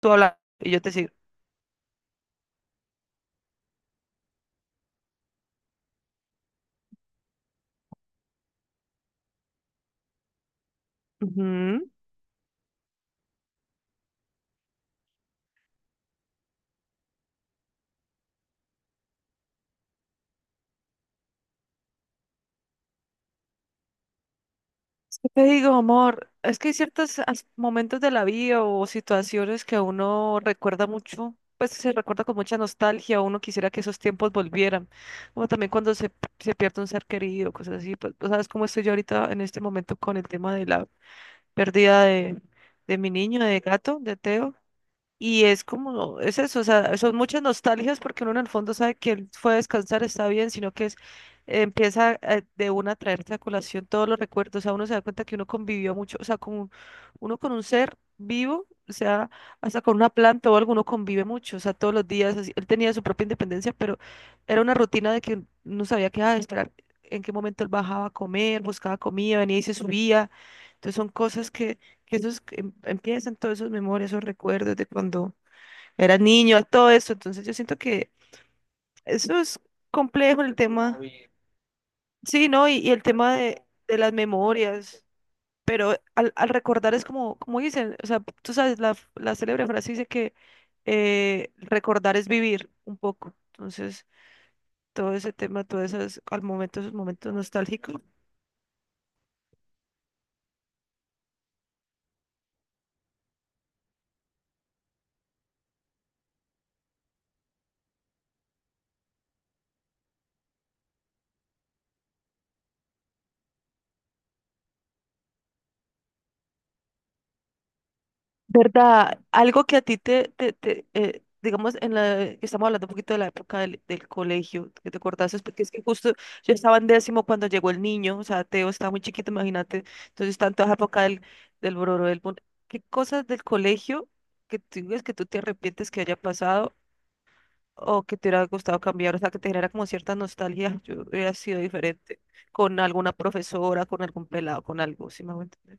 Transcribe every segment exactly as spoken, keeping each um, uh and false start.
Tú hablas y yo te sigo. Ujú. Es Te digo, amor, es que hay ciertos as- momentos de la vida o situaciones que uno recuerda mucho, pues se recuerda con mucha nostalgia, uno quisiera que esos tiempos volvieran, como también cuando se, se pierde un ser querido, cosas así, pues tú sabes cómo estoy yo ahorita en este momento con el tema de la pérdida de, de mi niño, de gato, de Teo. Y es como, es eso, o sea, son muchas nostalgias porque uno en el fondo sabe que él fue a descansar, está bien, sino que es, empieza eh, de una a traerte a colación todos los recuerdos, o sea, uno se da cuenta que uno convivió mucho, o sea, con un- uno con un ser vivo, o sea, hasta con una planta o alguno convive mucho, o sea, todos los días, así, él tenía su propia independencia, pero era una rutina de que no sabía qué, ah, esperar en qué momento él bajaba a comer, buscaba comida, venía y se subía, entonces son cosas que que esos que em- empiezan todos esos memorias, esos recuerdos de cuando eras niño, todo eso. Entonces yo siento que eso es complejo el tema. Sí, ¿no? Y, y el tema de, de las memorias. Pero al, al recordar es como, como dicen, o sea, tú sabes, la, f- la célebre frase dice que eh, recordar es vivir un poco. Entonces, todo ese tema, todos esos, al momento, esos momentos nostálgicos. ¿Verdad? Algo que a ti te, te, te, eh, digamos, en la, que estamos hablando un poquito de la época del, del colegio, que te acordaste, porque es que justo yo estaba en décimo cuando llegó el niño, o sea, Teo estaba muy chiquito, imagínate, entonces tanto esa época del, del bororo, del... bon- ¿qué cosas del colegio que tú ves que tú te arrepientes que haya pasado o que te hubiera gustado cambiar, o sea, que te genera como cierta nostalgia, yo hubiera sido diferente con alguna profesora, con algún pelado, con algo, si me hago entender?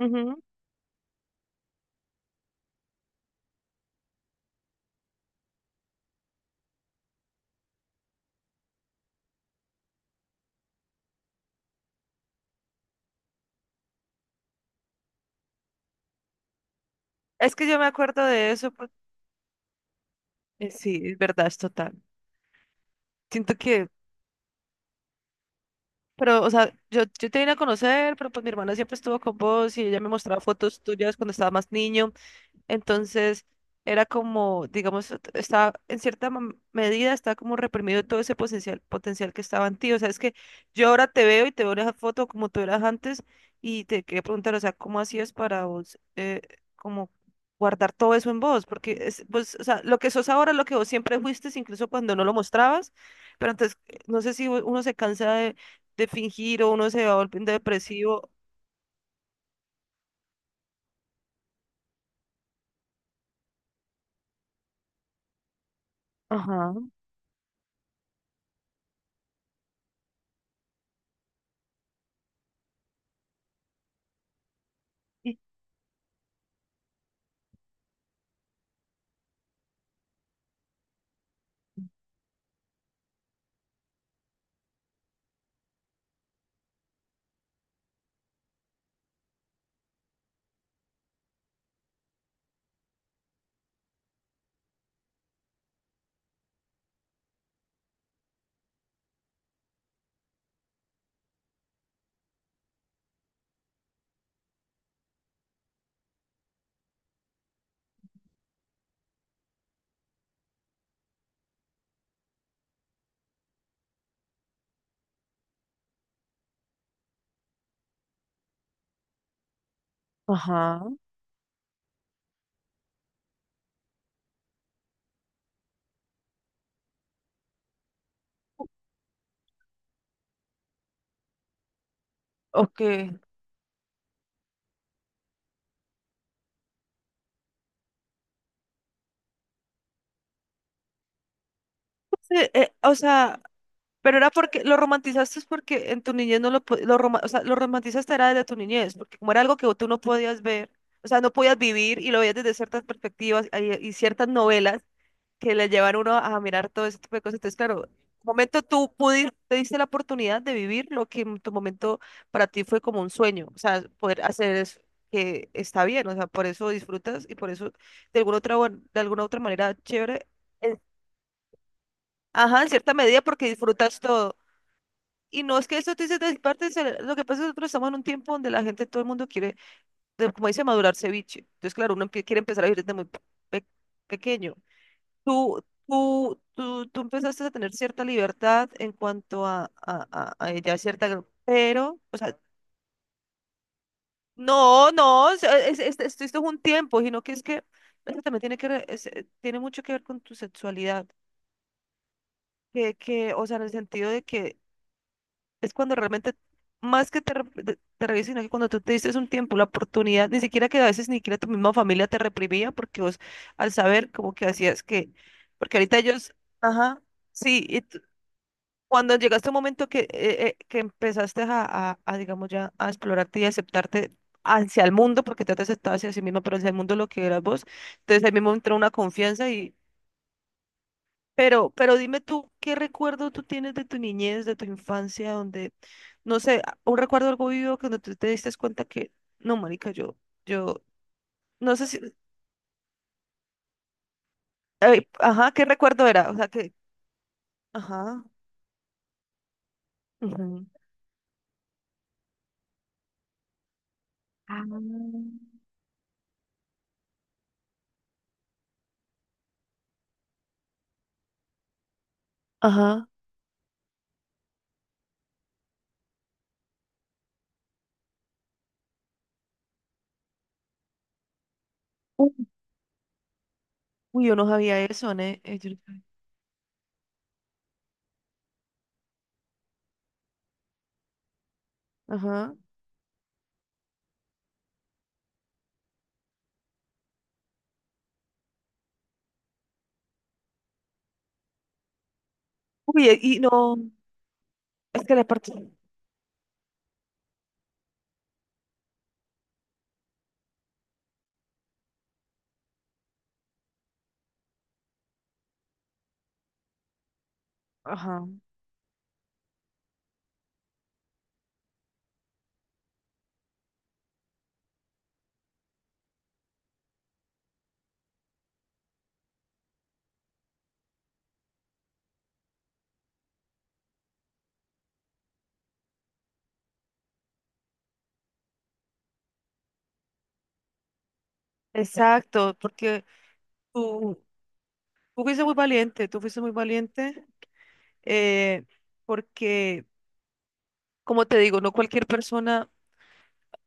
Ujú. Es que yo me acuerdo de eso, pues. Eh, Sí, es verdad, es total. Siento que, pero, o sea, yo, yo te vine a conocer, pero pues mi hermana siempre estuvo con vos y ella me mostraba fotos tuyas cuando estaba más niño. Entonces era como, digamos, ot- estaba en cierta mam- medida, estaba como reprimido todo ese potencial, potencial que estaba en ti. O sea, es que yo ahora te veo y te veo en esa foto como tú eras antes y te quería preguntar, o sea, ¿cómo hacías para vos, eh, como guardar todo eso en vos? Porque es, pues, o sea, lo que sos ahora, es lo que vos siempre fuiste, incluso cuando no lo mostrabas, pero entonces, eh, no sé si u- uno se cansa de, de fingir o uno se va volviendo depresivo. Ajá, ajá, ok. Sí, eh, o sea, pero era porque lo romantizaste es porque en tu niñez no lo, po- lo, roma- o sea, lo romantizaste era desde tu niñez, porque como era algo que tú no podías ver, o sea, no podías vivir y lo veías desde ciertas perspectivas y, y ciertas novelas que le llevan a uno a mirar todo ese tipo de cosas. Entonces, claro, en un momento tú pudiste, te diste la oportunidad de vivir lo que en tu momento para ti fue como un sueño, o sea, poder hacer eso que está bien, o sea, por eso disfrutas y por eso de alguna otra, bueno, de alguna otra manera chévere. Eh, ajá, en cierta medida porque disfrutas todo. Y no es que eso te dice de mi parte, se- lo que pasa es que nosotros estamos en un tiempo donde la gente, todo el mundo quiere, de- como dice, madurar ceviche. Entonces, claro, uno empie- quiere empezar a vivir desde muy pe- pequeño. Tú, tú, tú, tú empezaste a tener cierta libertad en cuanto a, a, a, a ya cierta, gr- pero, o sea, no, no, es- es- es- esto, esto es un tiempo, sino que es que eso también tiene que, re- es- eh, tiene mucho que ver con tu sexualidad, que, que, o sea, en el sentido de que es cuando realmente, más que te, re- te, te revises, sino que cuando tú te diste un tiempo, la oportunidad, ni siquiera que a veces ni siquiera tu misma familia te reprimía, porque vos al saber como que hacías que, porque ahorita ellos, ajá, sí, y tú- cuando llegaste a un momento que, eh, eh, que empezaste a, a, a, digamos ya, a explorarte y aceptarte hacia el mundo, porque te has aceptado hacia sí misma, pero hacia el mundo lo que eras vos, entonces ahí mismo entró una confianza, pero, pero dime tú, ¿qué recuerdo tú tienes de tu niñez, de tu infancia, donde, no sé, a- un recuerdo algo vivo que no tú te diste cuenta que, no, marica, yo, yo, no sé si, ay, ajá, ¿qué recuerdo era? O sea, que, ajá, ujú, ajá, uy, uy, yo no sabía eso, ¿eh? Eh, yo no sabía. Ajá, uy, eh, y no, es que la parte, ajá, exacto, porque tú, tú fuiste muy valiente, tú fuiste muy valiente, eh, porque, como te digo, no cualquier persona,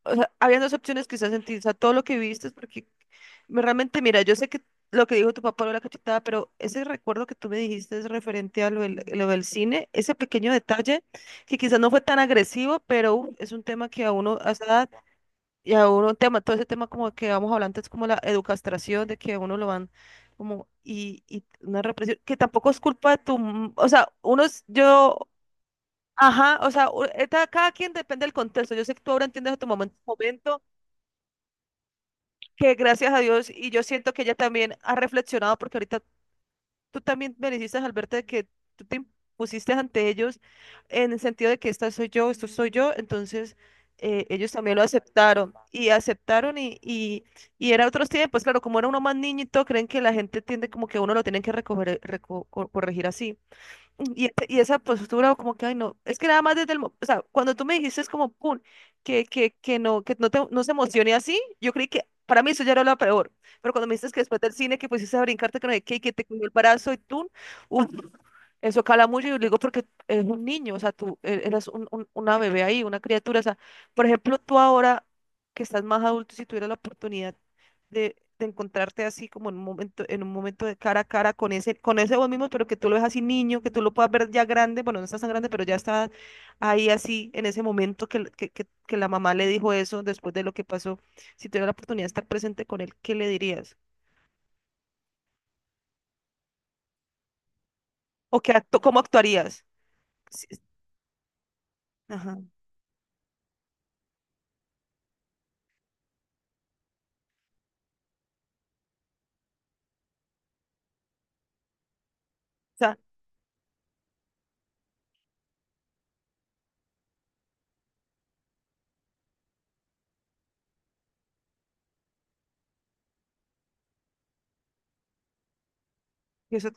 o sea, habían dos opciones quizás en ti, o sea, todo lo que viviste, porque me- realmente, mira, yo sé que lo que dijo tu papá era la cachetada, pero ese recuerdo que tú me dijiste es referente a lo del, lo del cine, ese pequeño detalle que quizás no fue tan agresivo, pero uf, es un tema que a uno a esa edad y a uno tema, todo ese tema como que vamos hablando es como la educastración, de que a uno lo van como, y, y una represión, que tampoco es culpa de tu, m- o sea, uno, es- yo... Ajá, o sea, u- esta- cada quien depende del contexto. Yo sé que tú ahora entiendes a tu momento, momento que gracias a Dios, y yo siento que ella también ha reflexionado, porque ahorita tú también me dijiste, Alberto, de que tú te impusiste ante ellos en el sentido de que esta soy yo, esto soy yo, entonces eh, ellos también lo aceptaron y aceptaron y, y, y era otros tiempos, claro, como era uno más niñito, creen que la gente tiende como que a uno lo tienen que recoger, reco- co- corregir así. Y, e- y esa postura como que, ay, no, es que nada más desde el, mo- o sea, cuando tú me dijiste es como, pum, que, que, que no, que no, te, no se emocione así, yo creí que, para mí eso ya era lo peor, pero cuando me dices que después del cine que pusiste a brincarte que no sé qué, y que te cogió el brazo y tú, uf, eso cala mucho, y yo le digo porque es un niño, o sea, tú e- eras un- un- una bebé ahí, una criatura, o sea, por ejemplo, tú ahora que estás más adulto, si tuvieras la oportunidad de, de encontrarte así como en un momento, en un momento de cara a cara con ese, con ese vos mismo, pero que tú lo ves así niño, que tú lo puedas ver ya grande, bueno, no estás tan grande, pero ya está ahí así en ese momento que, que, que, que la mamá le dijo eso después de lo que pasó. Si tuvieras la oportunidad de estar presente con él, ¿qué le dirías? ¿O qué acto, cómo actuarías? Sí, ajá. O sea, eso,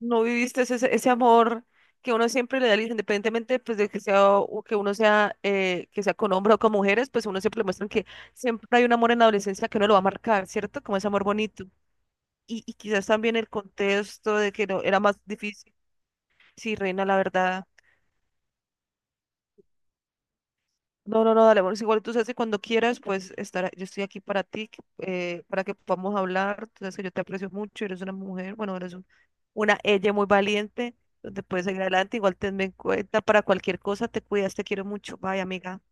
no viviste ese, ese amor que uno siempre le da, independientemente pues, de que sea o que uno sea, eh, que sea con hombres o con mujeres, pues uno siempre le muestran que siempre hay un amor en la adolescencia que uno lo va a marcar, ¿cierto? Como ese amor bonito. Y, y quizás también el contexto de que no, era más difícil. Sí, reina, la verdad. No, no, no, dale, amor. Igual tú sabes que cuando quieras, pues estar, yo estoy aquí para ti, eh, para que podamos hablar. Tú sabes que yo te aprecio mucho, eres una mujer, bueno, eres un- una ella muy valiente, donde puedes seguir adelante. Igual tenme en cuenta para cualquier cosa, te cuidas, te quiero mucho. Bye, amiga.